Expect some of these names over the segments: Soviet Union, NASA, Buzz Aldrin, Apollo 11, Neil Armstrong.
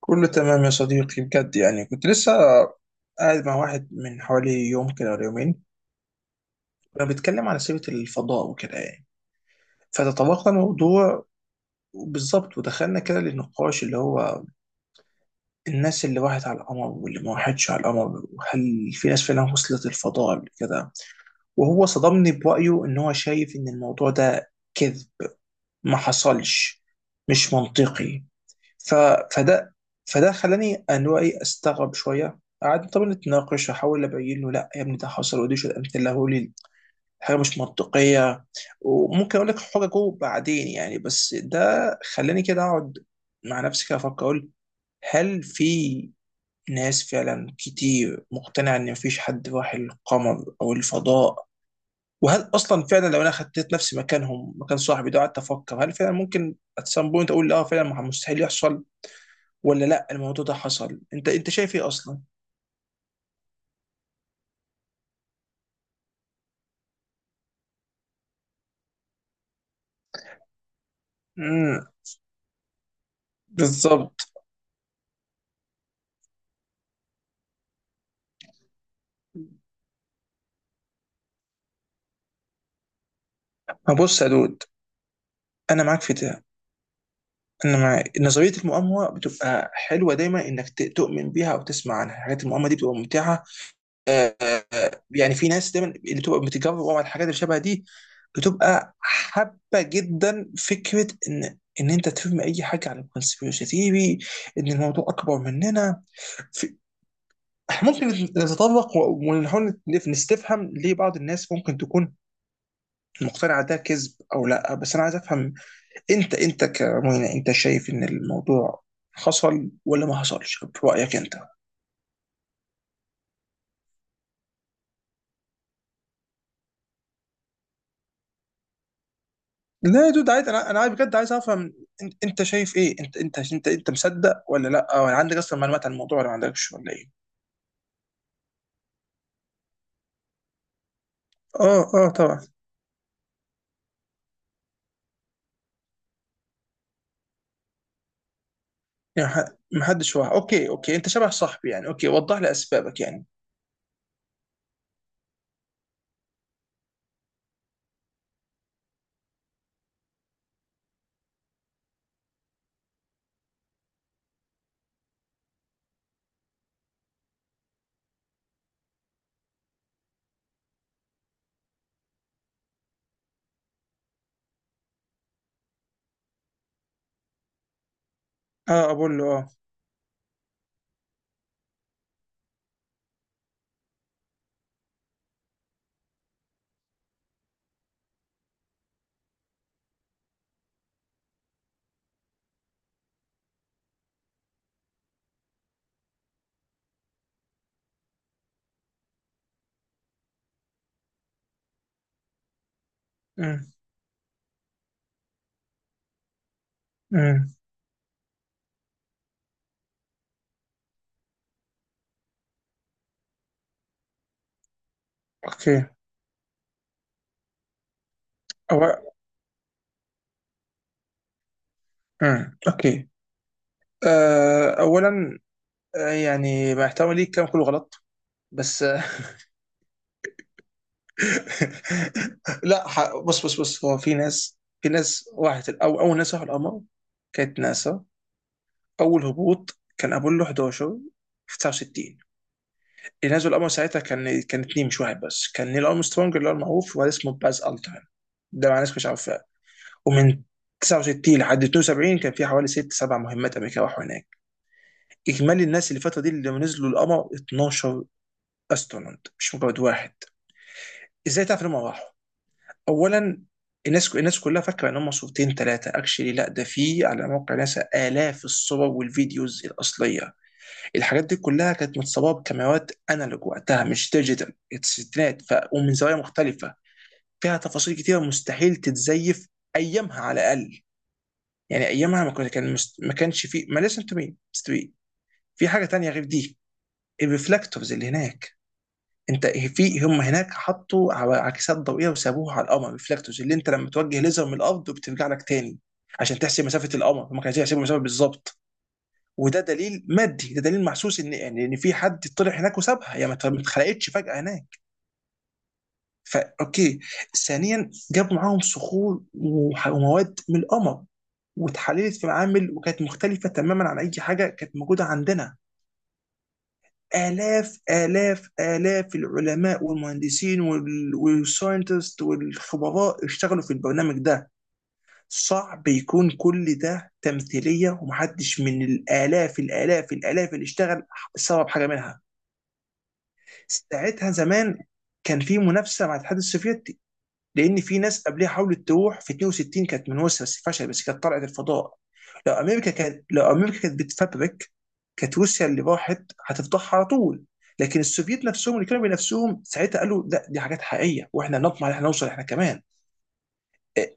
كله تمام يا صديقي، بجد. يعني كنت لسه قاعد مع واحد من حوالي يوم كده ولا يومين. كنا بنتكلم عن سيرة الفضاء وكده يعني، فتطرقنا الموضوع بالظبط، ودخلنا كده للنقاش، اللي هو الناس اللي راحت على القمر واللي ما راحتش على القمر، وهل في ناس فعلا وصلت الفضاء قبل كده. وهو صدمني برأيه إن هو شايف إن الموضوع ده كذب، ما حصلش، مش منطقي. ف... فده فده خلاني ان هو استغرب شويه. قعدنا طبعا نتناقش، احاول ابين له لا يا ابني ده حصل، ودي شو امثله لي حاجه مش منطقيه. وممكن اقول لك حججه بعدين يعني، بس ده خلاني كده اقعد مع نفسي كده افكر، اقول هل في ناس فعلا كتير مقتنعه ان مفيش حد راح القمر او الفضاء؟ وهل اصلا فعلا لو انا خدت نفسي مكانهم مكان صاحبي ده، قعدت افكر هل فعلا ممكن at some point اقول لا فعلا مستحيل يحصل، ولا لا الموضوع ده حصل؟ انت شايف ايه اصلا؟ امم. بالظبط. ما بص يا دود، انا معاك في ده. انا مع نظريه المؤامره، بتبقى حلوه دايما انك تؤمن بيها او تسمع عنها حاجات، المؤامره دي بتبقى ممتعه. آه، آه. يعني في ناس دايما اللي بتبقى بتجرب على الحاجات اللي شبه دي، بتبقى حابه جدا فكره ان انت تفهم اي حاجه عن الكونسبيرسي ثيري، ان الموضوع اكبر مننا. إحنا ممكن نتطرق ونحاول نستفهم ليه بعض الناس ممكن تكون مقتنعة ده كذب أو لأ، بس أنا عايز أفهم. أنت كمهنا، أنت شايف إن الموضوع حصل ولا ما حصلش في رأيك أنت؟ لا يا دود عادي، بجد عايز أفهم. أنت شايف إيه؟ أنت مصدق ولا لأ؟ ولا عندك أصلا معلومات عن الموضوع ولا ما عندكش ولا إيه؟ آه، آه، طبعا. يعني محدش واحد. أوكي، أنت شبه صاحبي يعني. أوكي وضح لي أسبابك يعني. آه، أقول له آه. أمم، أمم. أوكي. امم. اوكي. اولا، يعني مع احترامي ليك الكلام كله غلط، بس. لا، بص، بص، بص. هو في ناس، في ناس راحت، او اول ناس راحوا القمر كانت ناسا. اول هبوط كان ابولو 11 في 69. اللي نزل القمر ساعتها كان اتنين مش واحد، بس كان نيل ارمسترونج اللي هو المعروف، وواحد اسمه باز التران، ده مع ناس مش عارفاه. ومن 69 لحد 72 كان في حوالي ست سبع مهمات، امريكا راحوا هناك. اجمالي الناس اللي الفتره دي اللي نزلوا القمر 12 استرونوت، مش مجرد واحد. ازاي تعرف ان هم راحوا؟ اولا، الناس كلها فاكره ان هم صورتين ثلاثه اكشلي، لا، ده في على موقع ناسا الاف الصور والفيديوز الاصليه. الحاجات دي كلها كانت متصوره بكاميرات انالوج وقتها مش ديجيتال الستينات، ومن زوايا مختلفه فيها تفاصيل كتيره مستحيل تتزيف ايامها على الاقل. يعني ايامها ما كانش في، ما لسه انتوا مين. في حاجه تانية غير دي: الريفلكتورز اللي هناك. انت في هم هناك حطوا عكسات ضوئيه وسابوها على القمر، ريفلكتورز، اللي انت لما توجه ليزر من الارض وبترجع لك تاني عشان تحسب مسافه القمر، هم كانوا هيحسبوا المسافه بالظبط. وده دليل مادي، ده دليل محسوس، ان يعني ان في حد طلع هناك وسابها، يعني ما اتخلقتش فجاه هناك. فا اوكي، ثانيا جابوا معاهم صخور ومواد من القمر، واتحللت في معامل وكانت مختلفه تماما عن اي حاجه كانت موجوده عندنا. آلاف، آلاف، آلاف العلماء والمهندسين والساينتست والخبراء اشتغلوا في البرنامج ده. صعب يكون كل ده تمثيلية، ومحدش من الآلاف، الآلاف، الآلاف اللي اشتغل سبب حاجة منها. ساعتها زمان كان في منافسة مع الاتحاد السوفيتي، لان في ناس قبلها حاولت تروح في 62، كانت من روسيا بس فشلت، بس كانت طلعت الفضاء. لو امريكا كانت بتفبرك، كانت روسيا اللي راحت هتفضحها على طول. لكن السوفييت نفسهم اللي كانوا بنفسهم ساعتها قالوا لا، دي حاجات حقيقيه، واحنا نطمع ان احنا نوصل احنا كمان. إيه،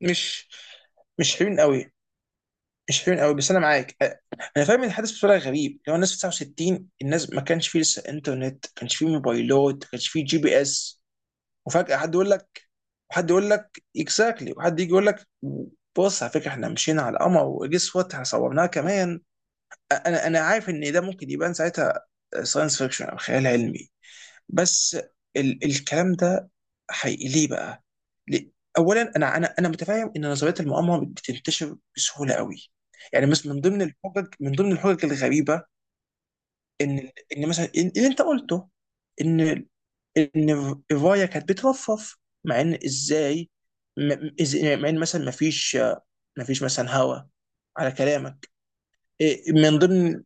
مش مش حلوين قوي. مش حلوين قوي، بس انا معاك، انا فاهم ان الحدث بطريقه غريب. لو الناس في 69، الناس ما كانش فيه لسه انترنت، ما كانش فيه موبايلات، ما كانش فيه جي بي اس، وفجأة حد يقول لك، وحد يجي يقول لك: بص على فكره احنا مشينا على القمر وجس وات احنا صورناها كمان. انا عارف ان ده ممكن يبان ساعتها ساينس فيكشن او خيال علمي، بس الكلام ده حقيقي. ليه بقى؟ ليه؟ اولا انا متفاهم ان نظريه المؤامره بتنتشر بسهوله قوي. يعني مثلا من ضمن الحجج الغريبه، ان ان مثلا اللي انت قلته، ان ايفايا كانت بترفرف، مع ان ازاي، يعني مع ان مثلا ما فيش مثلا هوا على كلامك. إيه، من ضمن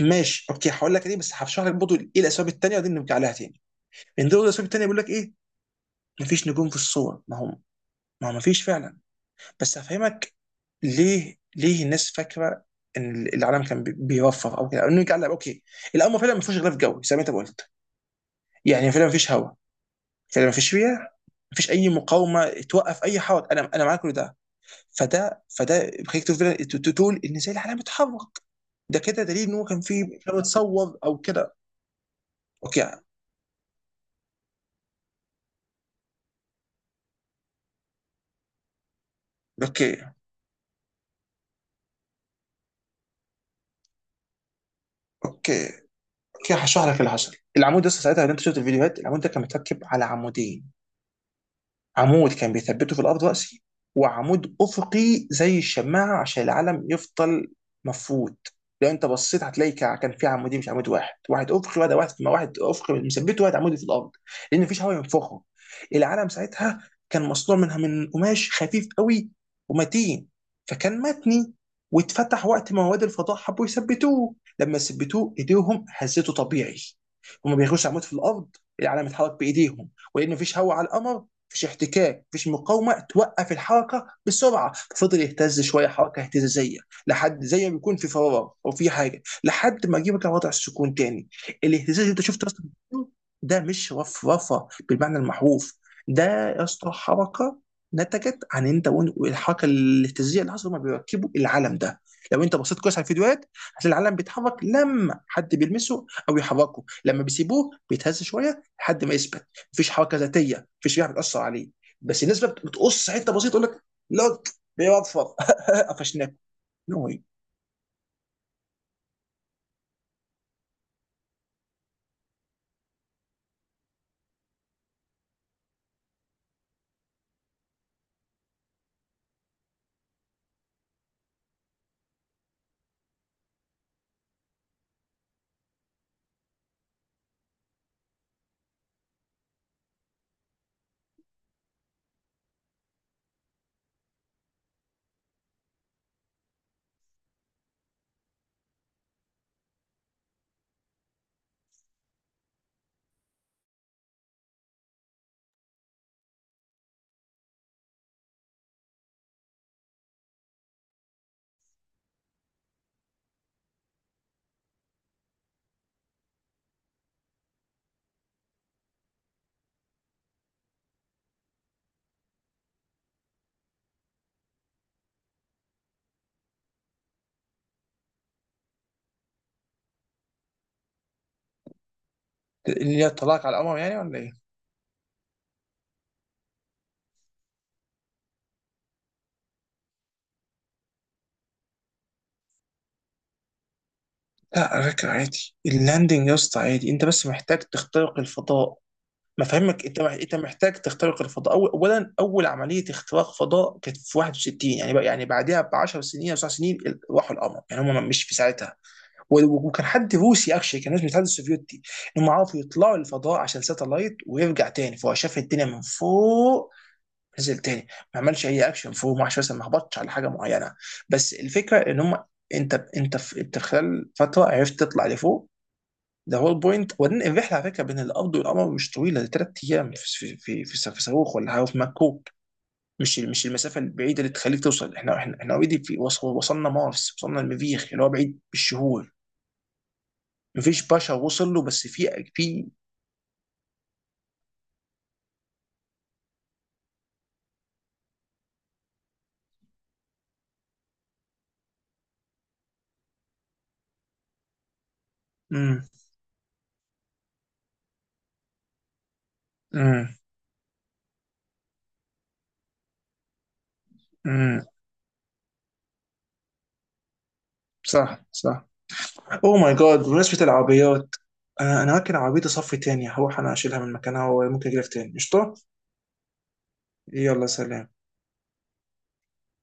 ماشي اوكي، هقول لك ليه، بس هشرح لك برضه ايه الاسباب التانيه، ودي نرجع لها تاني. من ضمن الاسباب التانيه، بيقول لك ايه، ما فيش نجوم في الصور، ما هو ما فيش فعلا. بس هفهمك ليه. الناس فاكره ان العالم كان بيوفر او كده، أو نرجع لها اوكي. الامر فعلا ما فيهوش غلاف جوي زي ما انت قلت، يعني فعلا ما فيش هوا، فعلا ما فيش رياح، مفيش اي مقاومه توقف اي حوض، انا معاك كل ده. فده بيخليك تقول ان زي العالم اتحرك، ده كده دليل ان هو كان متصور او كده. اوكي، اوكي، اوكي، اوكي. هشرح لك اللي حصل. العمود ده ساعتها، لو انت شفت الفيديوهات، العمود ده كان متركب على عمودين. عمود كان بيثبته في الارض راسي، وعمود افقي زي الشماعه عشان العلم يفضل مفروض. لو انت بصيت هتلاقي كان في عمودين مش عمود واحد، واحد افقي واحد واحد ما واحد افقي مثبته واحد عمودي في الارض، لان مفيش هواء ينفخه. العلم ساعتها كان مصنوع منها من قماش خفيف قوي ومتين، فكان متني. واتفتح وقت ما رواد الفضاء حبوا يثبتوه، لما ثبتوه ايديهم هزته طبيعي، هما بيغوصوا عمود في الارض، العلم اتحرك بايديهم. ولان مفيش هواء على القمر، مفيش احتكاك، مفيش مقاومه توقف الحركه بسرعه، فضل يهتز شويه، حركه اهتزازيه، لحد، زي ما بيكون في فراغ او في حاجه، لحد ما يجيبك لوضع السكون تاني. الاهتزاز اللي انت شفته اصلا ده مش رفرفه بالمعنى المحروف. ده يا اسطى حركه نتجت عن انت والحركه الاهتزازيه اللي حصلت، هما بيركبوا العلم ده. لو انت بصيت كويس على الفيديوهات، هتلاقي العلم بيتحرك لما حد بيلمسه او يحركه، لما بيسيبوه بيتهز شويه لحد ما يثبت. مفيش حركه ذاتيه، مفيش ريحه بتاثر عليه. بس الناس بقى بتقص حته بسيطه تقول لك: لوك، بيوفر! قفشناك! نو واي! اللي هي الطلاق على القمر يعني ولا ايه؟ لا، على فكره عادي اللاندنج يا اسطى، عادي، انت بس محتاج تخترق الفضاء. ما فهمك. انت محتاج تخترق الفضاء أول. اولا اول عمليه اختراق فضاء كانت في 61، يعني بقى يعني بعدها ب 10 سنين او 9 سنين راحوا القمر، يعني هم مش في ساعتها. وكان حد روسي اكشلي، كان ناس من الاتحاد السوفيتي، انهم عرفوا يطلعوا للفضاء عشان ساتلايت، ويرجع تاني فهو شاف الدنيا من فوق، نزل تاني، ما عملش اي اكشن فوق، ما عملش مثلا ما هبطش على حاجه معينه. بس الفكره ان هم، انت خلال فتره عرفت تطلع لفوق، ده هو البوينت. وبعدين الرحله على فكره بين الارض والقمر مش طويله، دي 3 ايام في صاروخ ولا حاجه في مكوك. مش المسافه البعيده اللي تخليك توصل، احنا اوريدي وصلنا مارس، وصلنا المريخ اللي هو بعيد بالشهور. مفيش باشا وصل له، بس في. امم، امم، امم. صح، صح. اوه ماي جاد، بمناسبة العربيات، انا ممكن عربيتي صف تاني، هروح انا اشيلها من مكانها، وممكن اجيلك تاني. قشطة. يلا، سلام.